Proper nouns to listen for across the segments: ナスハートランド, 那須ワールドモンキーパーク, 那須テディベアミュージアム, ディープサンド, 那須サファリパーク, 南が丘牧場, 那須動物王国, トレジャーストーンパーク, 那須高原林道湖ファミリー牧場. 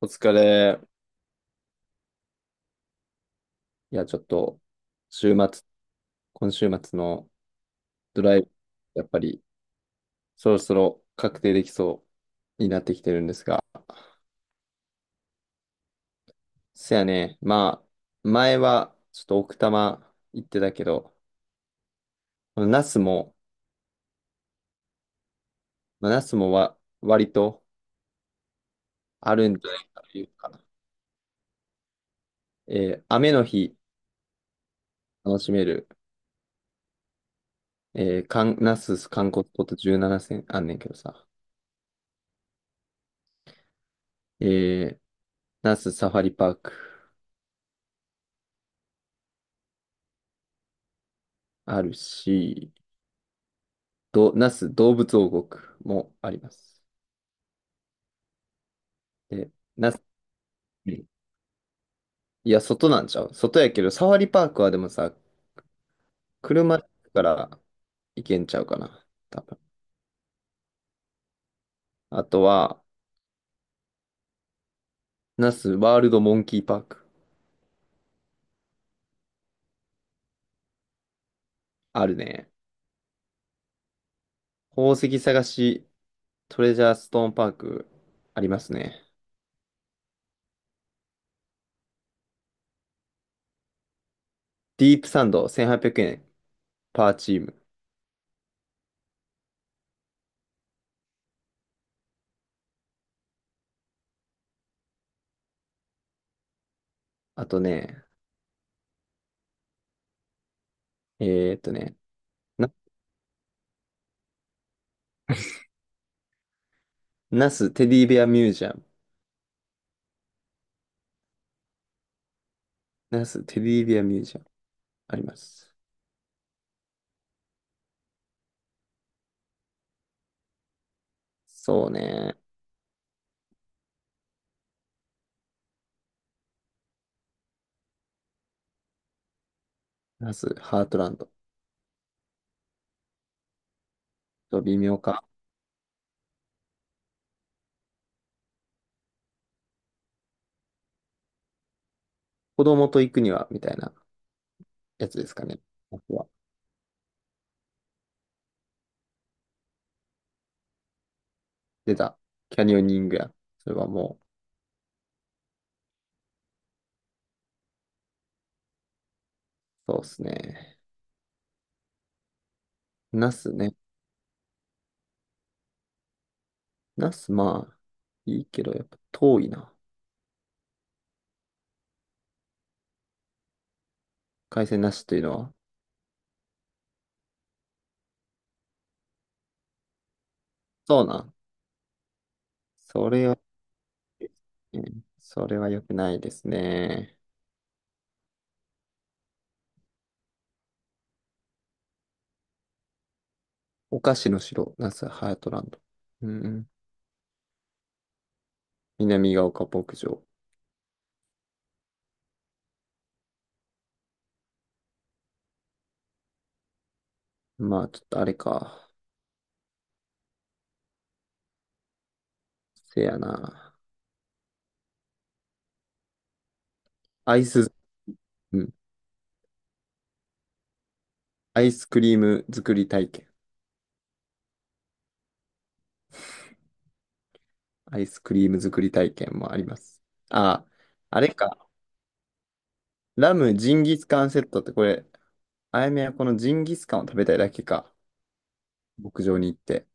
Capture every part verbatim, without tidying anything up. お疲れ。いや、ちょっと、週末、今週末のドライブ、やっぱり、そろそろ確定できそうになってきてるんですが。せやね、まあ、前は、ちょっと奥多摩行ってたけど、この那須も、まあ、那須もわ、割とあるんじゃないかというか、えー雨の日楽しめる、えー、かん、那須観光スポットじゅうななせんあんねんけどさ、えー、那須サファリパークあるし、ど、那須動物王国もあります。で、那須、いや、外なんちゃう外やけど、サファリパークはでもさ、車から行けんちゃうかな。多分。あとは、那須ワールドモンキーパーク。あるね。宝石探し、トレジャーストーンパーク、ありますね。ディープサンド、せんはっぴゃくえん、パーチーム。あとね、えーっとね、な、那須テディベアミュージアム。那須テディベアミュージアム、あります。そうね。ナスハートランド。と微妙か。子供と行くには、みたいなやつですかね。僕は。出た。キャニオニングや。それはもう、そうっすね。ナスね。ナス、まあ、いいけど、やっぱ遠いな。海鮮なしというのは。そうなん。それは、ねそれは良くないですね。お菓子の城、ナス、ハートランド。うんうん。南が丘牧場。まあ、ちょっとあれか。せやな。アイス、うん。アイスクリーム作り体験。アイスクリーム作り体験もあります。あ、あれか。ラムジンギスカンセットってこれ、あやめはこのジンギスカンを食べたいだけか。牧場に行って。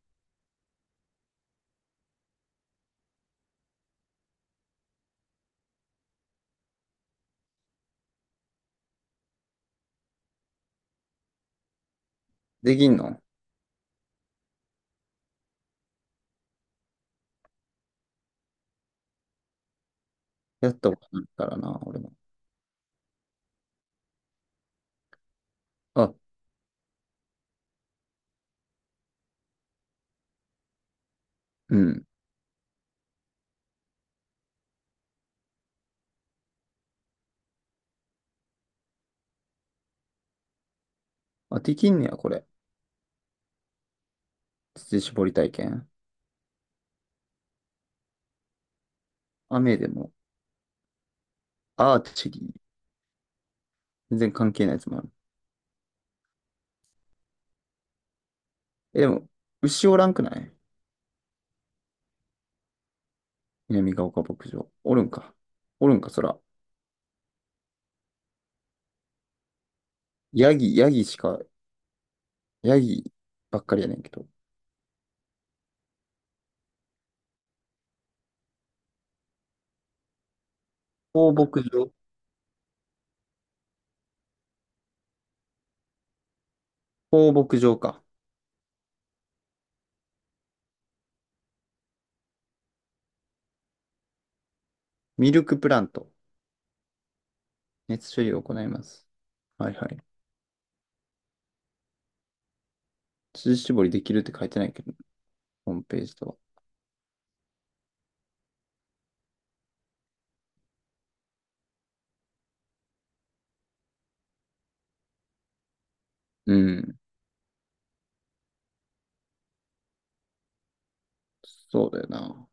できんの、やったことないからな、俺も。あ、うん。あ、できんねや、これ。乳搾り体験。雨でも。アーチェリー。全然関係ないやつもある。え、でも、牛おらんくない、南ヶ丘牧場。おるんか。おるんか、そら。ヤギ、ヤギしか、ヤギばっかりやねんけど。放牧場、放牧場か。ミルクプラント。熱処理を行います。はいはい。乳搾りできるって書いてないけど、ホームページとは。うん。そうだよな。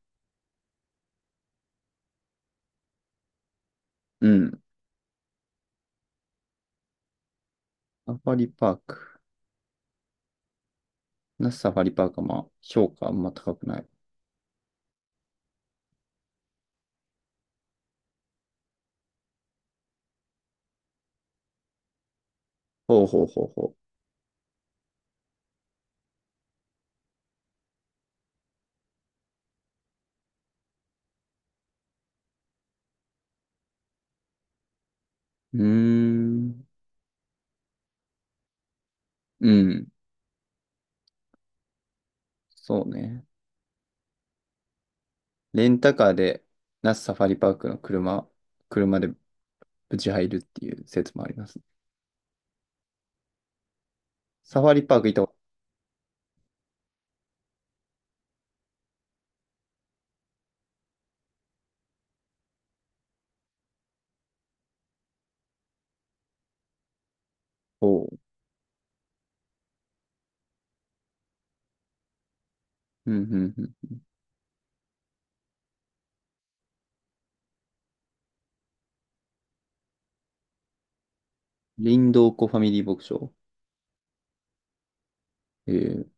うん。サファリパーク。なぜサファリパークはまあ、評価あんま高くない。ほうほうほうほう。うーん。うん。そうね。レンタカーで、那須サファリパークの車、車でぶち入るっていう説もあります。サファリパーク行った、おおう。うん、うん、うん。林道湖ファミリー牧場。えー、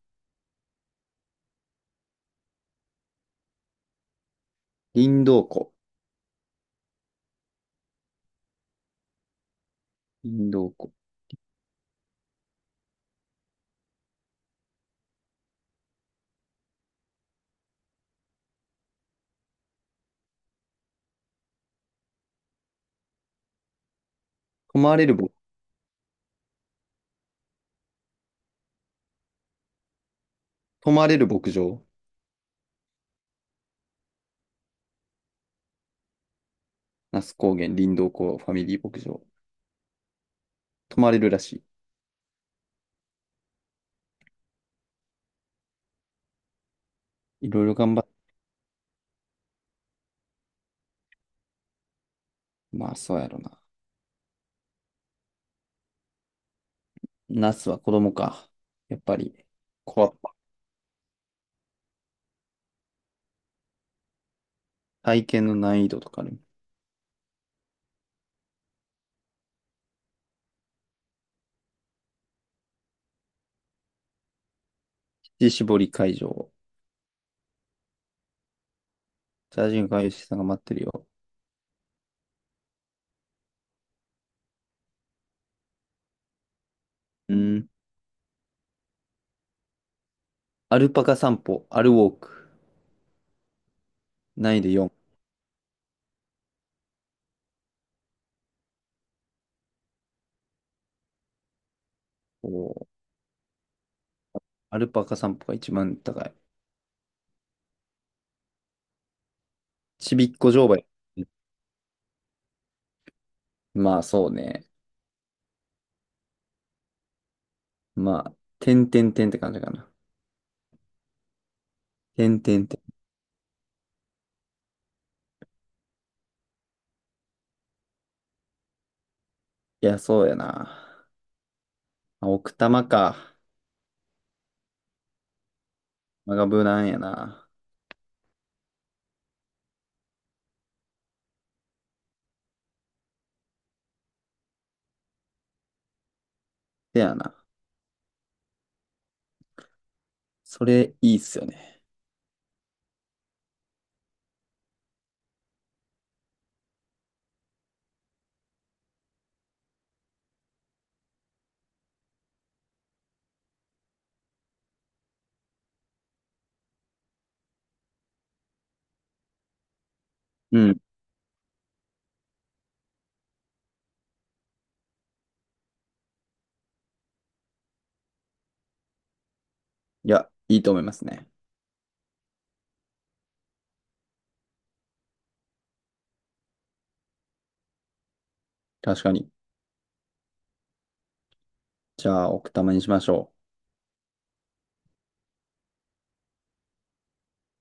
林道湖。林道湖。泊まれるぼ、泊まれる牧場。那須高原林道湖ファミリー牧場。泊まれるらしい。いろいろ頑張って。まあ、そうやろな。那須は子供か。やっぱり、怖っ。体験の難易度とかね。乳搾り会場。チャージング会社さんが待ってるよ。うん。アルパカ散歩、アルウォーク、難易度よん。おー、アルパカ散歩が一番高い。ちびっこ乗馬。まあそうね。まあ、てんてんてんって感じかな。てんてんてん。いや、そうやな。まあ奥多摩か。まがブラやな。せやな。それいいっすよね。うん。いや、いいと思いますね。確かに。じゃあ、奥多摩にしましょ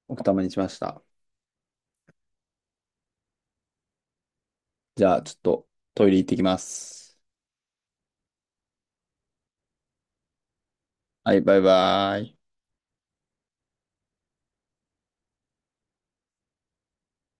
う。奥多摩にしました。じゃあ、ちょっとトイレ行ってきます。はい、バイバイ。